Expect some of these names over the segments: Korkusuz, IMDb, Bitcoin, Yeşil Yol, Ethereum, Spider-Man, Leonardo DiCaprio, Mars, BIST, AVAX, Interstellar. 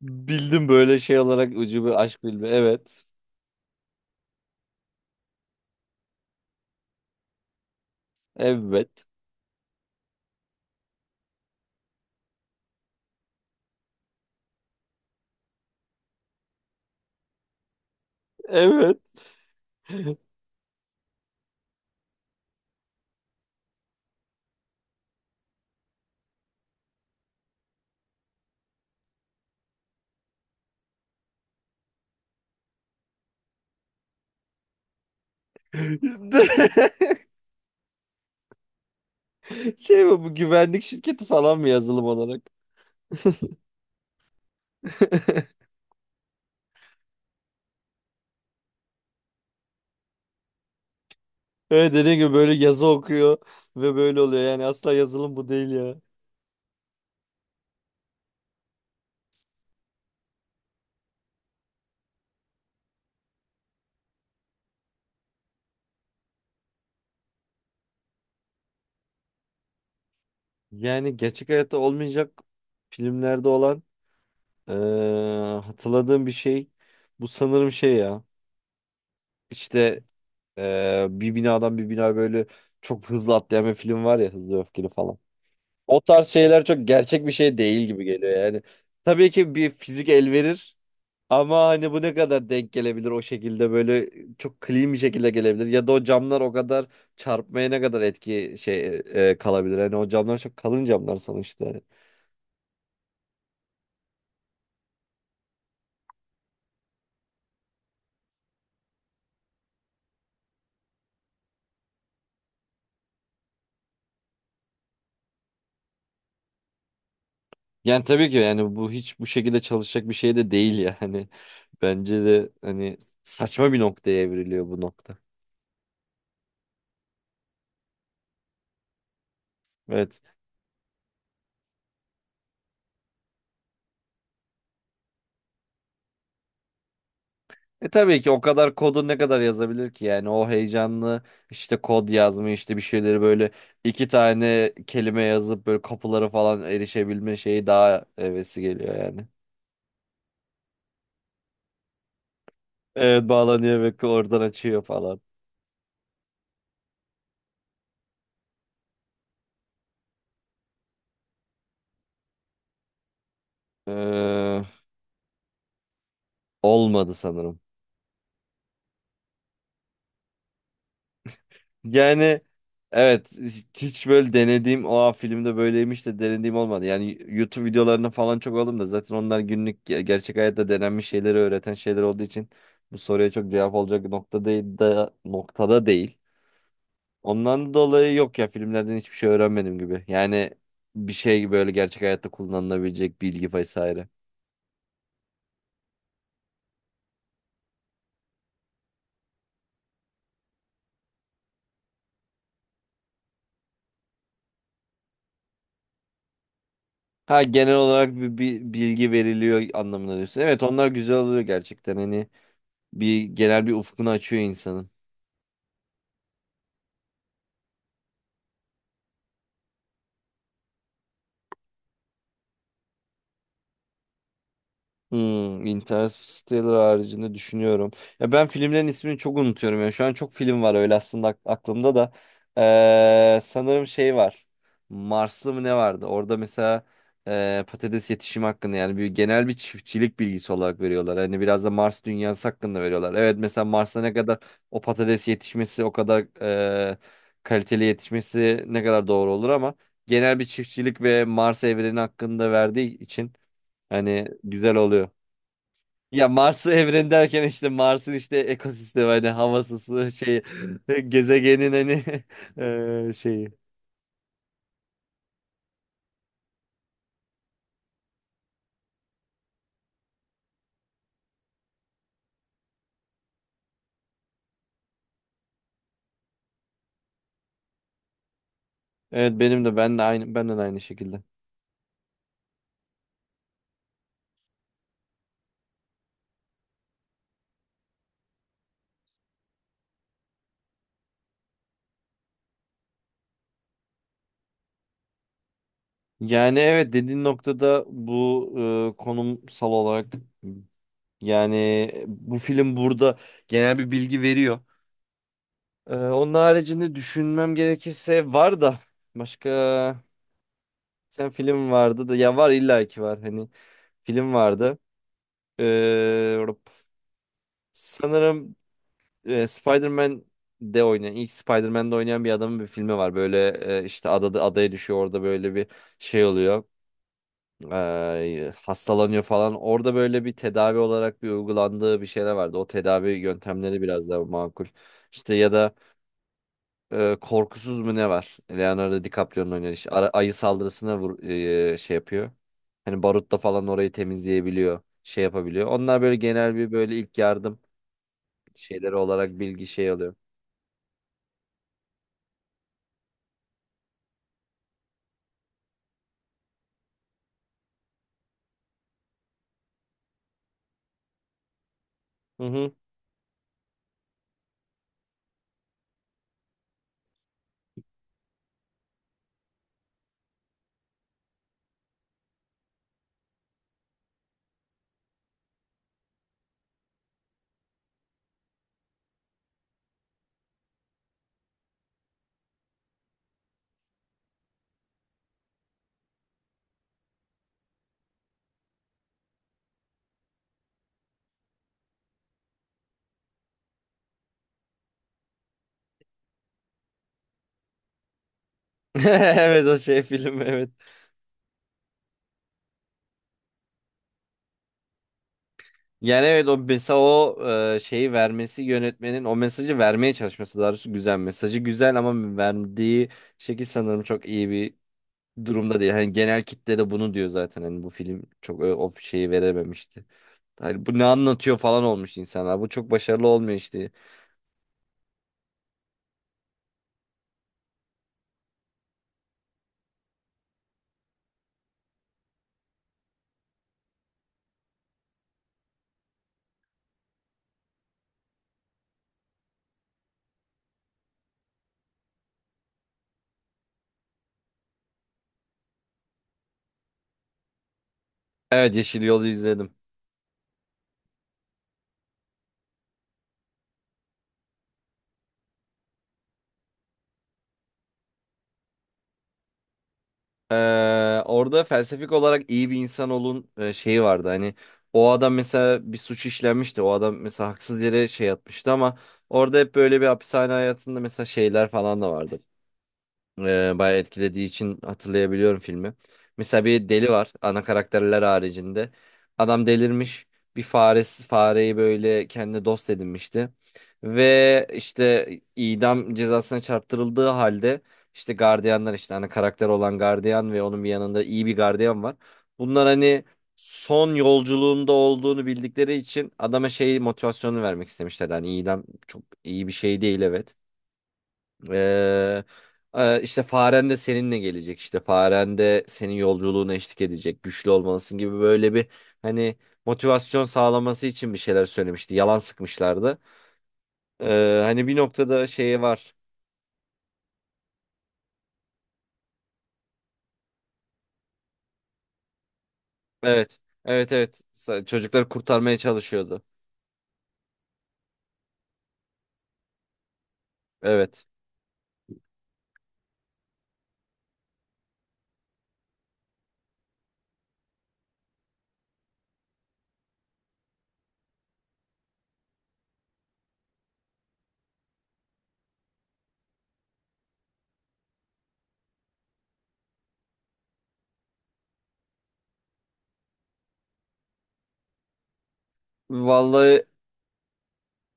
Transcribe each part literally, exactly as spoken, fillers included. Bildim böyle şey olarak ucube aşk bilme. Evet. Evet. Evet. Şey mi bu güvenlik şirketi falan mı yazılım olarak? Evet, dediğim gibi böyle yazı okuyor ve böyle oluyor. Yani asla yazılım bu değil ya. Yani gerçek hayatta olmayacak filmlerde olan eee, hatırladığım bir şey. Bu sanırım şey ya. İşte eee, bir binadan bir bina böyle çok hızlı atlayan bir film var ya, Hızlı Öfkeli falan. O tarz şeyler çok gerçek bir şey değil gibi geliyor yani. Tabii ki bir fizik el verir ama hani bu ne kadar denk gelebilir o şekilde böyle çok clean bir şekilde gelebilir ya da o camlar o kadar çarpmaya ne kadar etki şey e, kalabilir. Hani o camlar çok kalın camlar sonuçta. Yani tabii ki yani bu hiç bu şekilde çalışacak bir şey de değil yani. Bence de hani saçma bir noktaya evriliyor bu nokta. Evet. E, tabii ki o kadar kodu ne kadar yazabilir ki yani o heyecanlı işte kod yazma işte bir şeyleri böyle iki tane kelime yazıp böyle kapılara falan erişebilme şeyi daha hevesi geliyor yani. Evet, bağlanıyor ve oradan açıyor falan. Ee, Olmadı sanırım. Yani evet, hiç hiç böyle denediğim o filmde böyleymiş de denediğim olmadı. Yani YouTube videolarını falan çok aldım da zaten onlar günlük ge- gerçek hayatta denenmiş şeyleri öğreten şeyler olduğu için bu soruya çok cevap olacak nokta değil de noktada değil. Ondan dolayı yok ya, filmlerden hiçbir şey öğrenmedim gibi. Yani bir şey böyle gerçek hayatta kullanılabilecek bilgi vesaire. Ha, genel olarak bir, bir bilgi veriliyor anlamına diyorsun. Evet, onlar güzel oluyor gerçekten hani bir genel bir ufkunu açıyor insanın. Hmm, Interstellar haricinde düşünüyorum. Ya ben filmlerin ismini çok unutuyorum. Ya şu an çok film var öyle aslında ak- aklımda da. Ee, sanırım şey var. Marslı mı ne vardı? Orada mesela e, patates yetişimi hakkında yani bir genel bir çiftçilik bilgisi olarak veriyorlar. Hani biraz da Mars dünyası hakkında veriyorlar. Evet, mesela Mars'ta ne kadar o patates yetişmesi o kadar e, kaliteli yetişmesi ne kadar doğru olur ama genel bir çiftçilik ve Mars evreni hakkında verdiği için hani güzel oluyor. Ya Mars'ı evren derken işte Mars'ın işte ekosistemi hani havası, su, şey gezegenin hani eee, şeyi. Evet, benim de ben de aynı benden aynı şekilde. Yani evet, dediğin noktada bu eee, konumsal olarak yani bu film burada genel bir bilgi veriyor. Eee, onun haricinde düşünmem gerekirse var da başka sen film vardı da ya var illa ki var hani film vardı. Eee Sanırım e, Spider-Man de oynayan ilk Spider-Man'de oynayan bir adamın bir filmi var. Böyle e, işte adada adaya düşüyor orada böyle bir şey oluyor. E, hastalanıyor falan. Orada böyle bir tedavi olarak bir uygulandığı bir şeyler vardı. O tedavi yöntemleri biraz daha makul. İşte ya da e, Korkusuz mu ne var? Leonardo DiCaprio'nun oynadığı işte ara- ayı saldırısına vur, e, şey yapıyor. Hani barutla falan orayı temizleyebiliyor, şey yapabiliyor. Onlar böyle genel bir böyle ilk yardım şeyleri olarak bilgi şey alıyor. Hı hı. Evet, o şey film evet. Yani evet, o mesela o e, şeyi vermesi yönetmenin o mesajı vermeye çalışması daha doğrusu güzel. Mesajı güzel ama verdiği şekil sanırım çok iyi bir durumda değil. Hani genel kitle de bunu diyor zaten. Hani bu film çok ö- o şeyi verememişti. Hani bu ne anlatıyor falan olmuş insanlar. Bu çok başarılı olmuyor işte. Evet, Yeşil Yol'u izledim. Ee, Orada felsefik olarak iyi bir insan olun e, şeyi vardı. Hani o adam mesela bir suç işlenmişti. O adam mesela haksız yere şey yatmıştı ama orada hep böyle bir hapishane hayatında mesela şeyler falan da vardı e, bayağı etkilediği için hatırlayabiliyorum filmi. Mesela bir deli var ana karakterler haricinde. Adam delirmiş. Bir faresi, fareyi böyle kendi dost edinmişti. Ve işte idam cezasına çarptırıldığı halde işte gardiyanlar işte ana karakter olan gardiyan ve onun bir yanında iyi bir gardiyan var. Bunlar hani son yolculuğunda olduğunu bildikleri için adama şey motivasyonu vermek istemişler. Hani idam çok iyi bir şey değil, evet. Ee, e, işte faren de seninle gelecek işte faren de senin yolculuğuna eşlik edecek güçlü olmalısın gibi böyle bir hani motivasyon sağlaması için bir şeyler söylemişti yalan sıkmışlardı. Ee, hani bir noktada şeyi var. Evet, evet, evet, Sa- çocukları kurtarmaya çalışıyordu. Evet, vallahi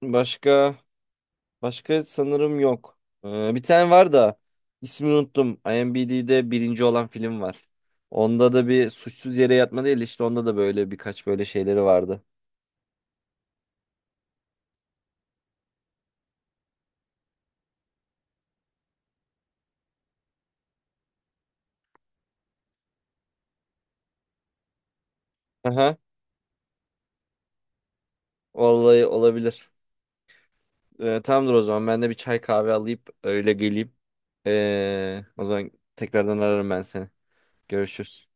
başka başka sanırım yok. Ee, bir tane var da ismini unuttum. i m d b'de birinci olan film var. Onda da bir suçsuz yere yatma değil işte onda da böyle birkaç böyle şeyleri vardı. Aha, vallahi olabilir. Ee, tamamdır o zaman, ben de bir çay kahve alayım öyle geleyim. Ee, o zaman tekrardan ararım ben seni. Görüşürüz.